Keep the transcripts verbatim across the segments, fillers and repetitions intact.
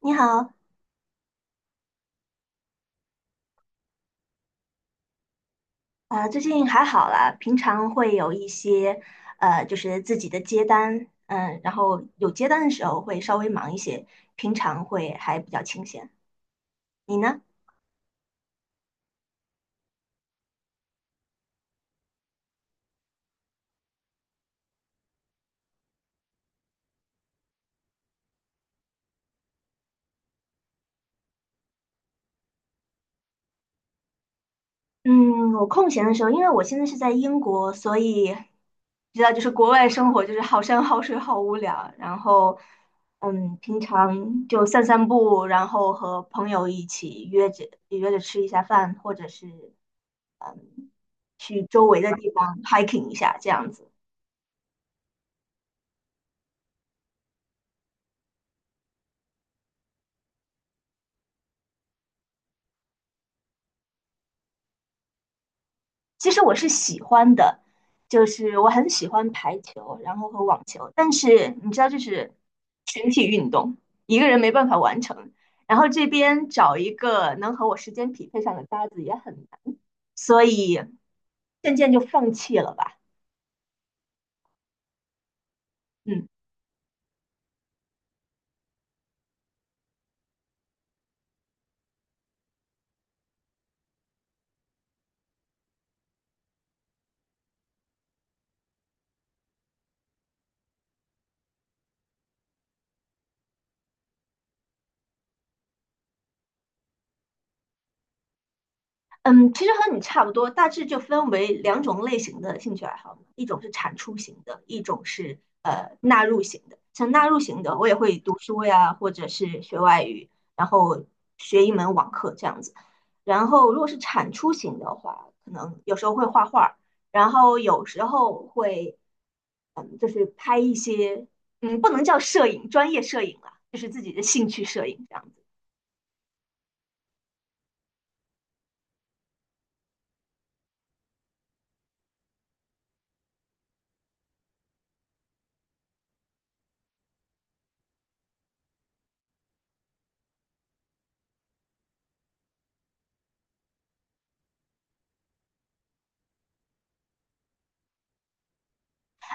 你好。呃，最近还好啦，平常会有一些，呃，就是自己的接单，嗯，然后有接单的时候会稍微忙一些，平常会还比较清闲。你呢？嗯，我空闲的时候，因为我现在是在英国，所以知道就是国外生活就是好山好水好无聊，然后，嗯，平常就散散步，然后和朋友一起约着约着吃一下饭，或者是去周围的地方 hiking 一下这样子。其实我是喜欢的，就是我很喜欢排球，然后和网球，但是你知道就是群体运动，一个人没办法完成。然后这边找一个能和我时间匹配上的搭子也很难，所以渐渐就放弃了吧。嗯。嗯，其实和你差不多，大致就分为两种类型的兴趣爱好嘛，一种是产出型的，一种是呃纳入型的。像纳入型的，我也会读书呀，或者是学外语，然后学一门网课这样子。然后如果是产出型的话，可能有时候会画画，然后有时候会嗯，就是拍一些嗯，不能叫摄影，专业摄影啦，就是自己的兴趣摄影这样。子。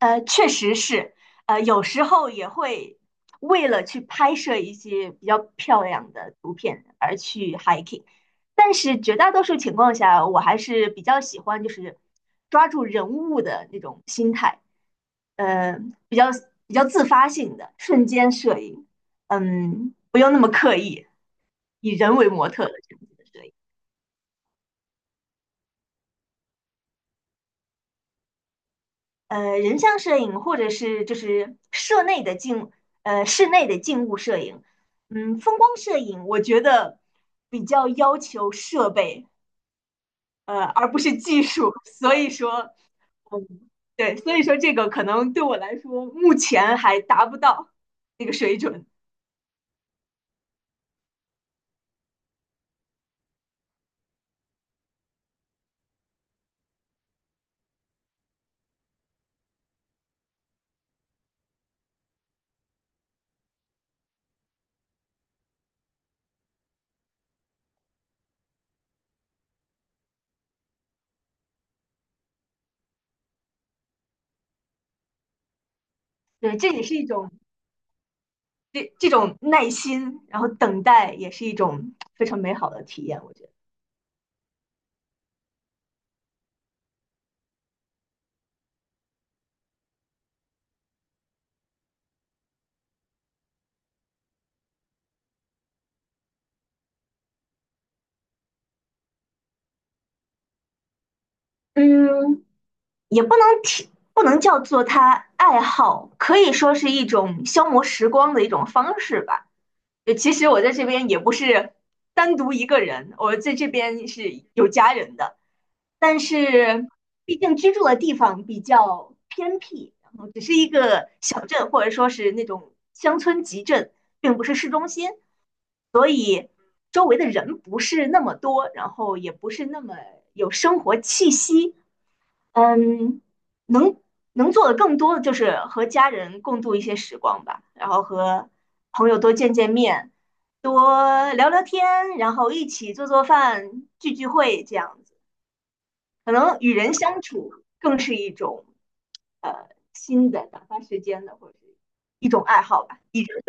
呃，确实是，呃，有时候也会为了去拍摄一些比较漂亮的图片而去 hiking，但是绝大多数情况下，我还是比较喜欢就是抓住人物的那种心态，呃，比较比较自发性的瞬间摄影，嗯，不用那么刻意，以人为模特的这样子的摄影。呃，人像摄影或者是就是室内的静，呃，室内的静物摄影，嗯，风光摄影，我觉得比较要求设备，呃，而不是技术，所以说，嗯，对，所以说这个可能对我来说，目前还达不到那个水准。对，这也是一种这这种耐心，然后等待也是一种非常美好的体验，我觉得。嗯，也不能提，不能叫做他爱好，可以说是一种消磨时光的一种方式吧。就其实我在这边也不是单独一个人，我在这边是有家人的，但是毕竟居住的地方比较偏僻，然后只是一个小镇或者说是那种乡村集镇，并不是市中心，周围的人不是那么多，然后也不是那么有生活气息。嗯，能能做的更多的就是和家人共度一些时光吧，然后和朋友多见见面，多聊聊天，然后一起做做饭、聚聚会这样子。可能与人相处更是一种呃新的打发时间的，或者是一种爱好吧，一直会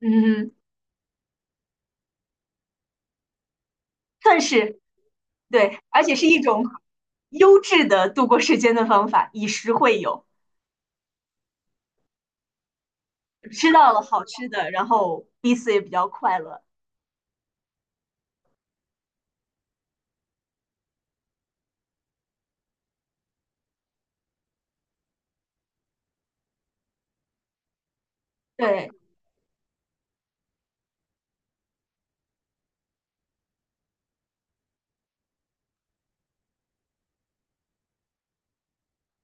嗯，算是对，而且是一种优质的度过时间的方法，以食会友，吃到了好吃的，然后彼此也比较快乐。对。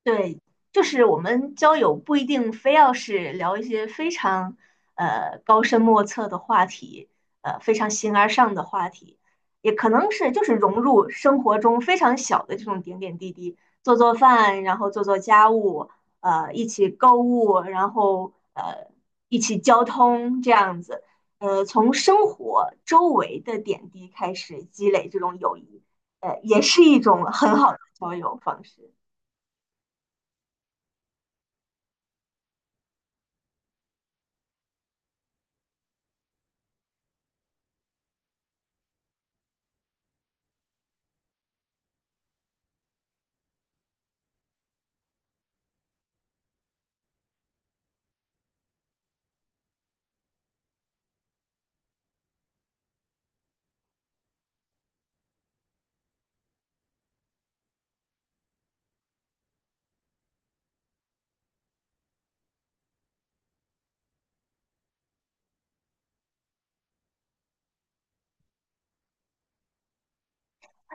对，就是我们交友不一定非要是聊一些非常呃高深莫测的话题，呃非常形而上的话题，也可能是就是融入生活中非常小的这种点点滴滴，做做饭，然后做做家务，呃一起购物，然后呃一起交通这样子，呃从生活周围的点滴开始积累这种友谊，呃也是一种很好的交友方式。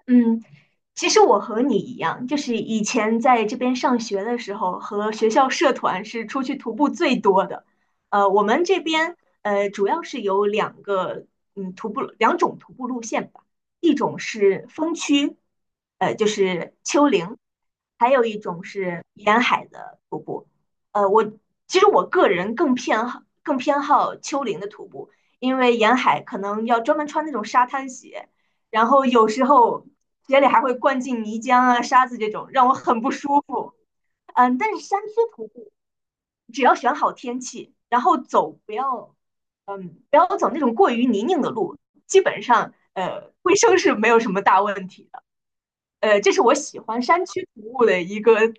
嗯，其实我和你一样，就是以前在这边上学的时候，和学校社团是出去徒步最多的。呃，我们这边呃主要是有两个嗯徒步两种徒步路线吧，一种是峰区，呃就是丘陵，还有一种是沿海的徒步。呃，我其实我个人更偏好更偏好丘陵的徒步，因为沿海可能要专门穿那种沙滩鞋。然后有时候鞋里还会灌进泥浆啊、沙子这种，让我很不舒服。嗯，但是山区徒步，只要选好天气，然后走不要，嗯，不要走那种过于泥泞的路，基本上呃卫生是没有什么大问题。呃，这是我喜欢山区服务的一个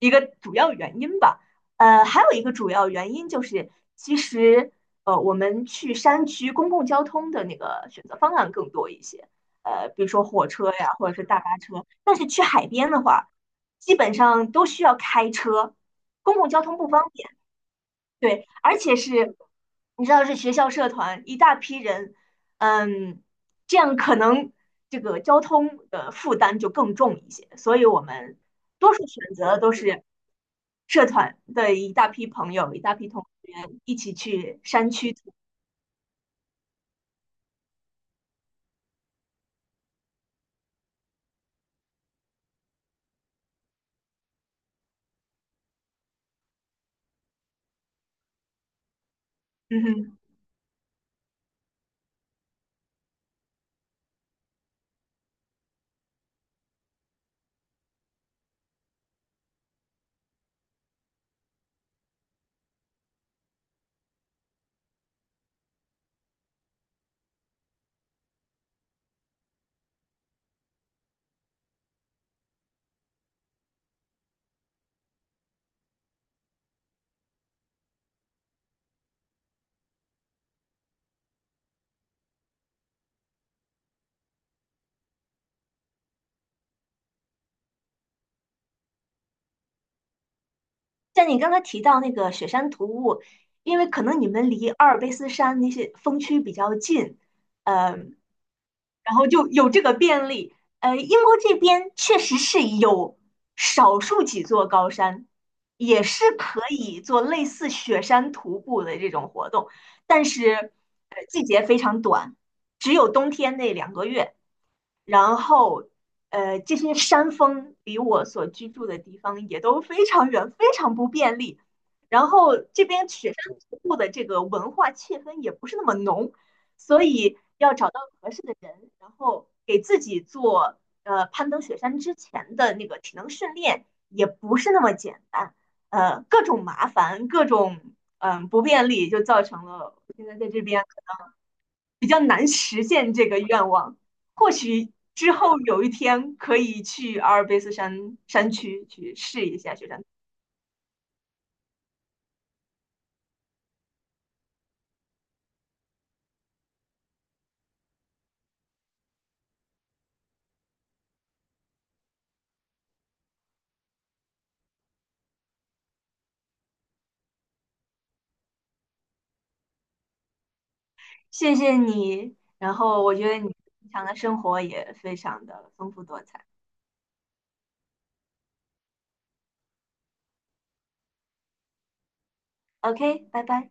一个主要原因吧。呃，还有一个主要原因就是，其实呃，我们去山区公共交通的那个选择方案更多一些，呃，比如说火车呀，或者是大巴车。但是去海边的话，基本上都需要开车，公共交通不方便。对，而且是，你知道是学校社团一大批人，嗯，这样可能这个交通的负担就更重一些，所以我们多数选择都是社团的一大批朋友、一大批同学一起去山区徒步。嗯哼。像你刚才提到那个雪山徒步，因为可能你们离阿尔卑斯山那些峰区比较近，嗯、然后就有这个便利。呃，英国这边确实是有少数几座高山，也是可以做类似雪山徒步的这种活动，但是呃季节非常短，只有冬天那两个月。然后，呃，这些山峰离我所居住的地方也都非常远，非常不便利。然后这边雪山徒步的这个文化气氛也不是那么浓，所以合适的人，然后给自己做呃攀登雪山之前的那个体能训练也不是那么简单，呃，各种麻烦，各种嗯、不便利，就造成了我现在在这边比较难实现这个愿望。或许之后有一天可以去阿尔卑斯山山区去试一下雪山。谢谢你，然后我觉得你平常的生活也非常的丰富多彩。OK，拜拜。